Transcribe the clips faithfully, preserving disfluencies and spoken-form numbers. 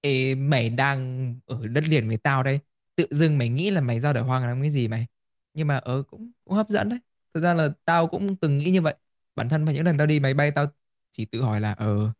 Ê, mày đang ở đất liền với tao đây, tự dưng mày nghĩ là mày ra đời hoang làm cái gì mày? Nhưng mà ở cũng, cũng hấp dẫn đấy. Thực ra là tao cũng từng nghĩ như vậy. Bản thân vào những lần tao đi máy bay, tao chỉ tự hỏi là ờ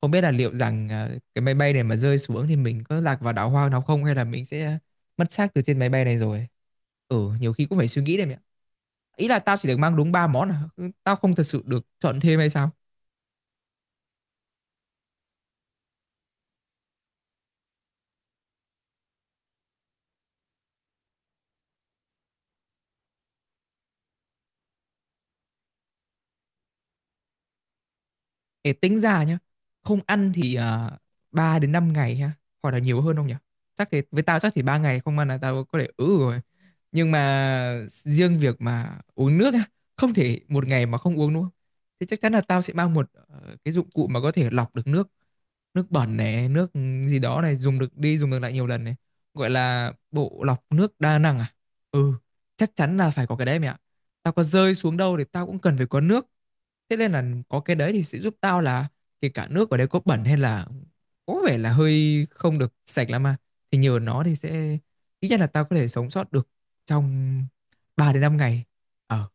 không biết là liệu rằng à, cái máy bay này mà rơi xuống thì mình có lạc vào đảo hoang nào không, hay là mình sẽ mất xác từ trên máy bay này rồi. Ừ, nhiều khi cũng phải suy nghĩ đấy mẹ ạ. Ý là tao chỉ được mang đúng ba món à? Ừ, tao không thật sự được chọn thêm hay sao? Ê, tính ra nhá, không ăn thì à, ba đến năm ngày ha, hoặc là nhiều hơn không nhỉ? Chắc thì với tao chắc chỉ ba ngày không ăn là tao có thể ứ rồi. Nhưng mà riêng việc mà uống nước á, không thể một ngày mà không uống đúng không? Thế chắc chắn là tao sẽ mang một ờ, cái dụng cụ mà có thể lọc được nước nước bẩn này, nước gì đó này, dùng được đi dùng được lại nhiều lần này, gọi là bộ lọc nước đa năng à. Ừ. Chắc chắn là phải có cái đấy mẹ ạ. Tao có rơi xuống đâu thì tao cũng cần phải có nước. Thế nên là có cái đấy thì sẽ giúp tao là, kể cả nước ở đây có bẩn hay là có vẻ là hơi không được sạch lắm, mà thì nhờ nó thì sẽ, ít nhất là tao có thể sống sót được trong ba đến năm ngày. ờ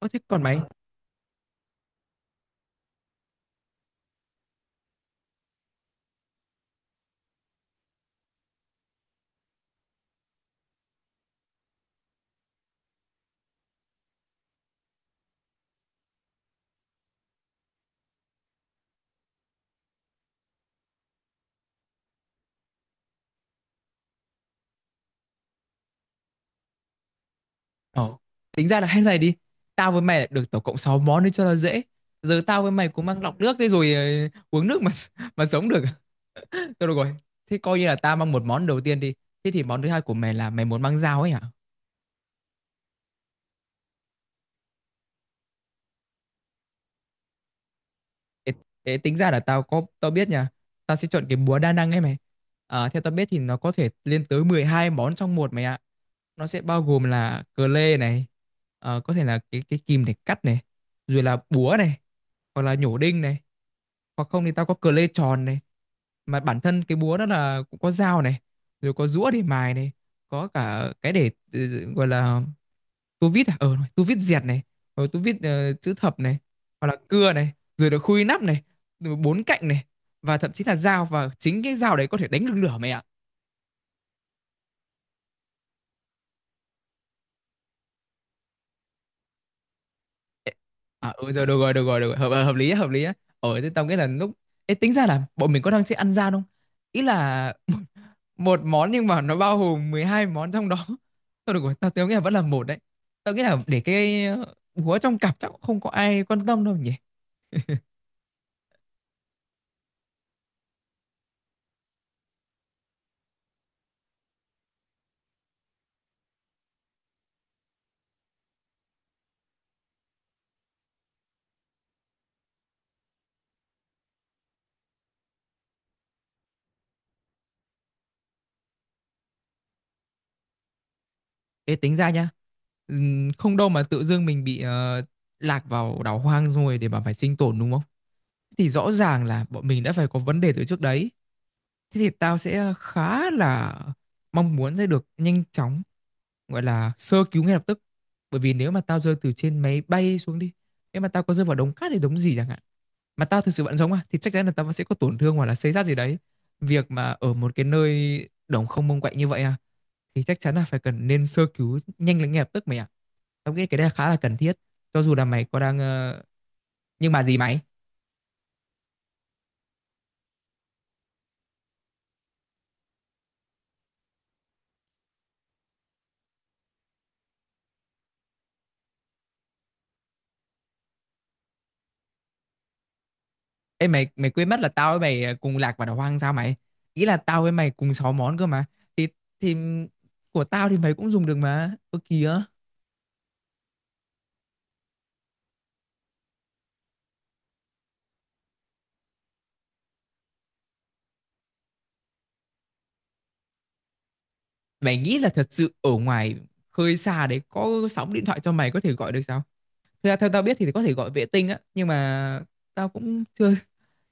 có thế. Còn mày? Ờ, tính ra là hay này đi. Tao với mày lại được tổng cộng sáu món đi cho nó dễ. Giờ tao với mày cũng mang lọc nước thế rồi, ờ, uống nước mà mà sống được. Thôi được rồi. Thế coi như là tao mang một món đầu tiên đi. Thế thì món thứ hai của mày là mày muốn mang dao ấy hả? Ê, ê, tính ra là tao có tao biết nha. Tao sẽ chọn cái búa đa năng ấy mày. À, theo tao biết thì nó có thể lên tới mười hai món trong một mày ạ. Nó sẽ bao gồm là cờ lê này, ờ, có thể là cái cái kìm để cắt này, rồi là búa này, hoặc là nhổ đinh này, hoặc không thì tao có cờ lê tròn này, mà bản thân cái búa đó là cũng có dao này, rồi có rũa để mài này, có cả cái để ừ, gọi là tu vít à ờ tu vít dẹt này, rồi tu vít ờ, chữ thập này, hoặc là cưa này, rồi là khui nắp này, rồi bốn cạnh này, và thậm chí là dao, và chính cái dao đấy có thể đánh được lửa mày ạ. Ê, à ừ rồi được rồi, được rồi, được rồi, hợp, hợp lý á, hợp lý á. Ờ thế tao nghĩ là lúc... Ê, tính ra là bọn mình có đang chơi ăn gian không? Ý là một món nhưng mà nó bao gồm mười hai món trong đó. Thôi được rồi, tao tao nghĩ là vẫn là một đấy. Tao nghĩ là để cái ờ, búa trong cặp chắc cũng không có ai quan tâm đâu nhỉ? Ê, tính ra nha. Ừm, không đâu mà tự dưng mình bị ờ, lạc vào đảo hoang rồi để mà phải sinh tồn đúng không? Thì rõ ràng là bọn mình đã phải có vấn đề từ trước đấy. Thế thì tao sẽ khá là mong muốn sẽ được nhanh chóng gọi là sơ cứu ngay lập tức. Bởi vì nếu mà tao rơi từ trên máy bay xuống đi, nếu mà tao có rơi vào đống cát hay đống gì chẳng hạn mà tao thực sự vẫn sống à, thì chắc chắn là tao vẫn sẽ có tổn thương hoặc là xây xát gì đấy. Việc mà ở một cái nơi đồng không mông quạnh như vậy à, thì chắc chắn là phải cần nên sơ cứu nhanh lên ngay lập tức mày ạ. Tao nghĩ cái đây là khá là cần thiết cho dù là mày có đang ờ, nhưng mà gì mày? Ê mày mày quên mất là tao với mày ờ, cùng lạc vào đảo hoang sao mày? Ý là tao với mày cùng sáu món cơ mà, thì thì của tao thì mày cũng dùng được mà, ơ kìa. Mày nghĩ là thật sự ở ngoài khơi xa đấy có sóng điện thoại cho mày có thể gọi được sao? Thực ra theo tao biết thì có thể gọi vệ tinh á, nhưng mà tao cũng chưa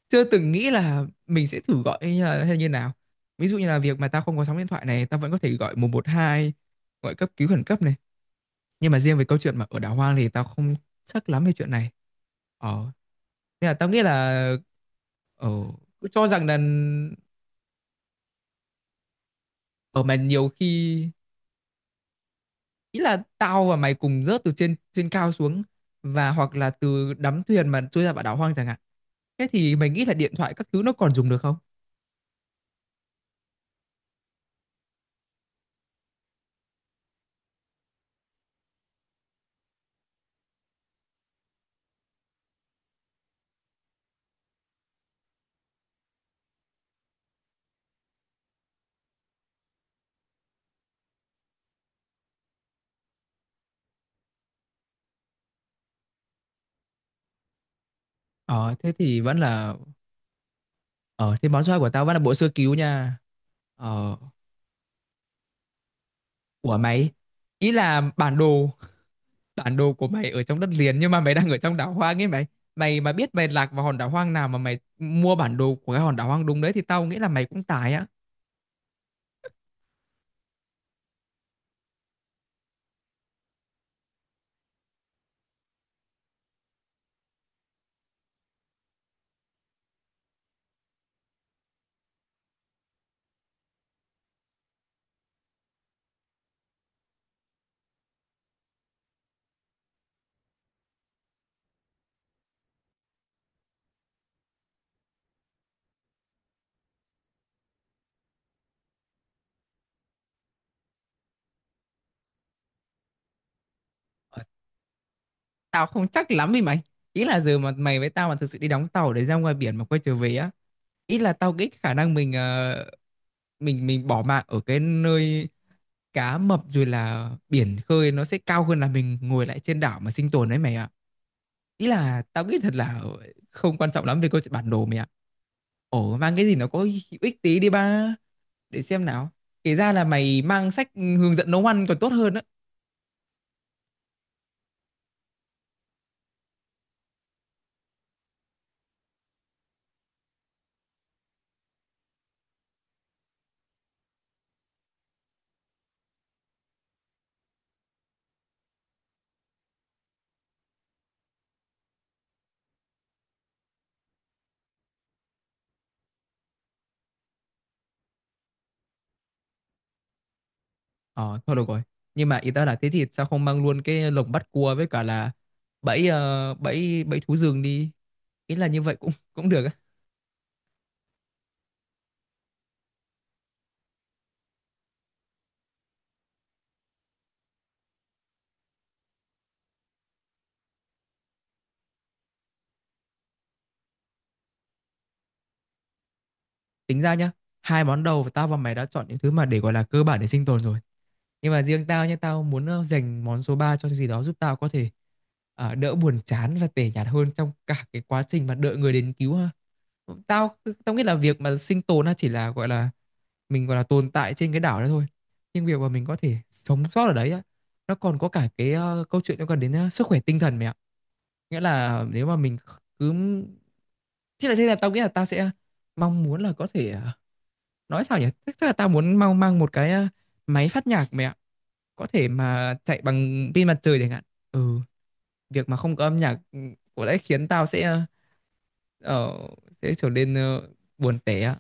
chưa từng nghĩ là mình sẽ thử gọi hay là hay như nào. Ví dụ như là việc mà tao không có sóng điện thoại này, tao vẫn có thể gọi một một hai, gọi cấp cứu khẩn cấp này. Nhưng mà riêng về câu chuyện mà ở đảo hoang thì tao không chắc lắm về chuyện này. Ờ, nên là tao nghĩ là ờ, cứ cho rằng là, ở mà nhiều khi, ý là tao và mày cùng rớt từ trên trên cao xuống, và hoặc là từ đắm thuyền mà trôi ra vào đảo hoang chẳng hạn. Thế thì mày nghĩ là điện thoại các thứ nó còn dùng được không? ờ Thế thì vẫn là, ờ thế món xoay của tao vẫn là bộ sơ cứu nha. ờ của mày, ý là bản đồ, bản đồ của mày ở trong đất liền nhưng mà mày đang ở trong đảo hoang ấy mày. Mày mà biết mày lạc vào hòn đảo hoang nào mà mày mua bản đồ của cái hòn đảo hoang đúng đấy thì tao nghĩ là mày cũng tài á. Tao không chắc lắm đi mày. Ý là giờ mà mày với tao mà thực sự đi đóng tàu để ra ngoài biển mà quay trở về á, ý là tao nghĩ khả năng mình ờ, mình mình bỏ mạng ở cái nơi cá mập rồi là biển khơi nó sẽ cao hơn là mình ngồi lại trên đảo mà sinh tồn đấy mày ạ. Ý là tao nghĩ thật là không quan trọng lắm về câu chuyện bản đồ mày ạ. Ồ, mang cái gì nó có hữu ích tí đi ba. Để xem nào. Kể ra là mày mang sách hướng dẫn nấu ăn còn tốt hơn á. Ờ, thôi được rồi. Nhưng mà ý ta là thế thì sao không mang luôn cái lồng bắt cua với cả là bẫy, ờ, bẫy bẫy thú rừng đi. Ý là như vậy cũng cũng được á. Tính ra nhá, hai món đầu tao và mày đã chọn những thứ mà để gọi là cơ bản để sinh tồn rồi. Nhưng mà riêng tao nhá, tao muốn ờ, dành món số ba cho cái gì đó giúp tao có thể ờ, đỡ buồn chán và tẻ nhạt hơn trong cả cái quá trình mà đợi người đến cứu ha. Tao tao nghĩ là việc mà sinh tồn nó chỉ là gọi là mình gọi là tồn tại trên cái đảo đó thôi, nhưng việc mà mình có thể sống sót ở đấy á, nó còn có cả cái ờ, câu chuyện liên quan đến ờ, sức khỏe tinh thần mẹ ạ. Nghĩa là nếu mà mình cứ, thế là thế là tao nghĩ là tao sẽ mong muốn là có thể ờ, nói sao nhỉ, chắc chắc là tao muốn mang mang một cái ờ, máy phát nhạc mẹ ạ. Có thể mà chạy bằng pin mặt trời chẳng hạn. Ừ, việc mà không có âm nhạc ừ, có lẽ khiến tao sẽ ờ, ờ, sẽ trở nên ờ, buồn tẻ.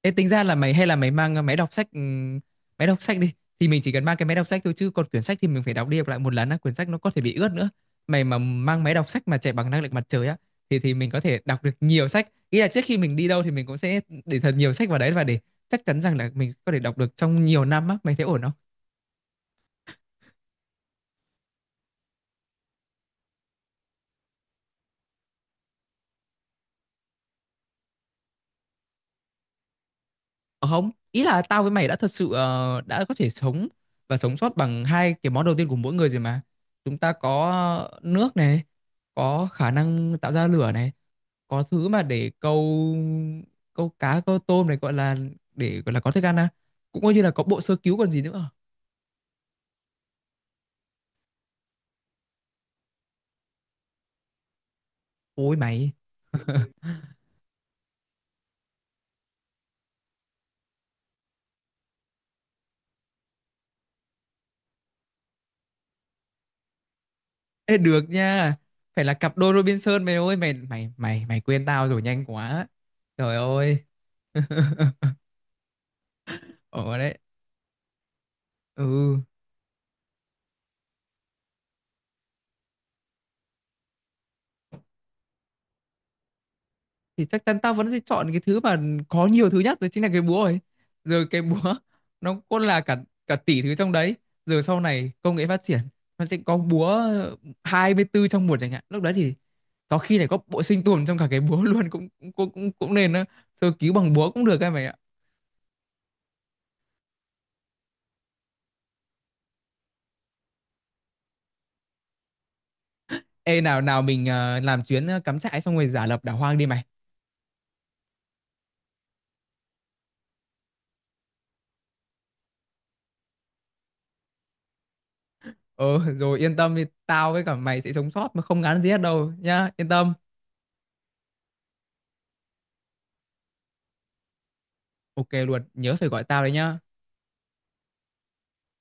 Ê, tính ra là mày hay là mày mang, ờ, máy đọc sách, ừm, máy đọc sách đi. Thì mình chỉ cần mang cái máy đọc sách thôi, chứ còn quyển sách thì mình phải đọc đi đọc lại một lần á, quyển sách nó có thể bị ướt nữa. Mày mà mang máy đọc sách mà chạy bằng năng lượng mặt trời á, thì thì mình có thể đọc được nhiều sách. Ý là trước khi mình đi đâu thì mình cũng sẽ để thật nhiều sách vào đấy, và để chắc chắn rằng là mình có thể đọc được trong nhiều năm á, mày thấy ổn không? Ờ, không, ý là tao với mày đã thật sự, ờ, đã có thể sống và sống sót bằng hai cái món đầu tiên của mỗi người rồi mà. Chúng ta có nước này, có khả năng tạo ra lửa này, có thứ mà để câu câu cá, câu tôm này, gọi là để gọi là có thức ăn à. Cũng coi như là có bộ sơ cứu còn gì nữa. Ôi mày, ê được nha. Phải là cặp đôi Robinson mày ơi, mày mày mày mày quên tao rồi nhanh quá. Trời ơi. Ồ đấy. Ừ. Thì chắc chắn tao vẫn sẽ chọn cái thứ mà có nhiều thứ nhất rồi, chính là cái búa ấy. Rồi cái búa nó cũng là cả cả tỷ thứ trong đấy. Rồi sau này công nghệ phát triển, nó sẽ có búa hai mươi tư trong một chẳng hạn, lúc đấy thì có khi lại có bộ sinh tồn trong cả cái búa luôn, cũng cũng cũng cũng, cũng nên đó. Sơ cứu bằng búa cũng được các mày ạ. Ê, nào nào, mình ờ, làm chuyến, ờ, cắm trại xong rồi giả lập đảo hoang đi mày. ờ Rồi yên tâm đi, tao với cả mày sẽ sống sót mà không ngán gì hết đâu nhá, yên tâm. Ok luôn, nhớ phải gọi tao đấy nhá.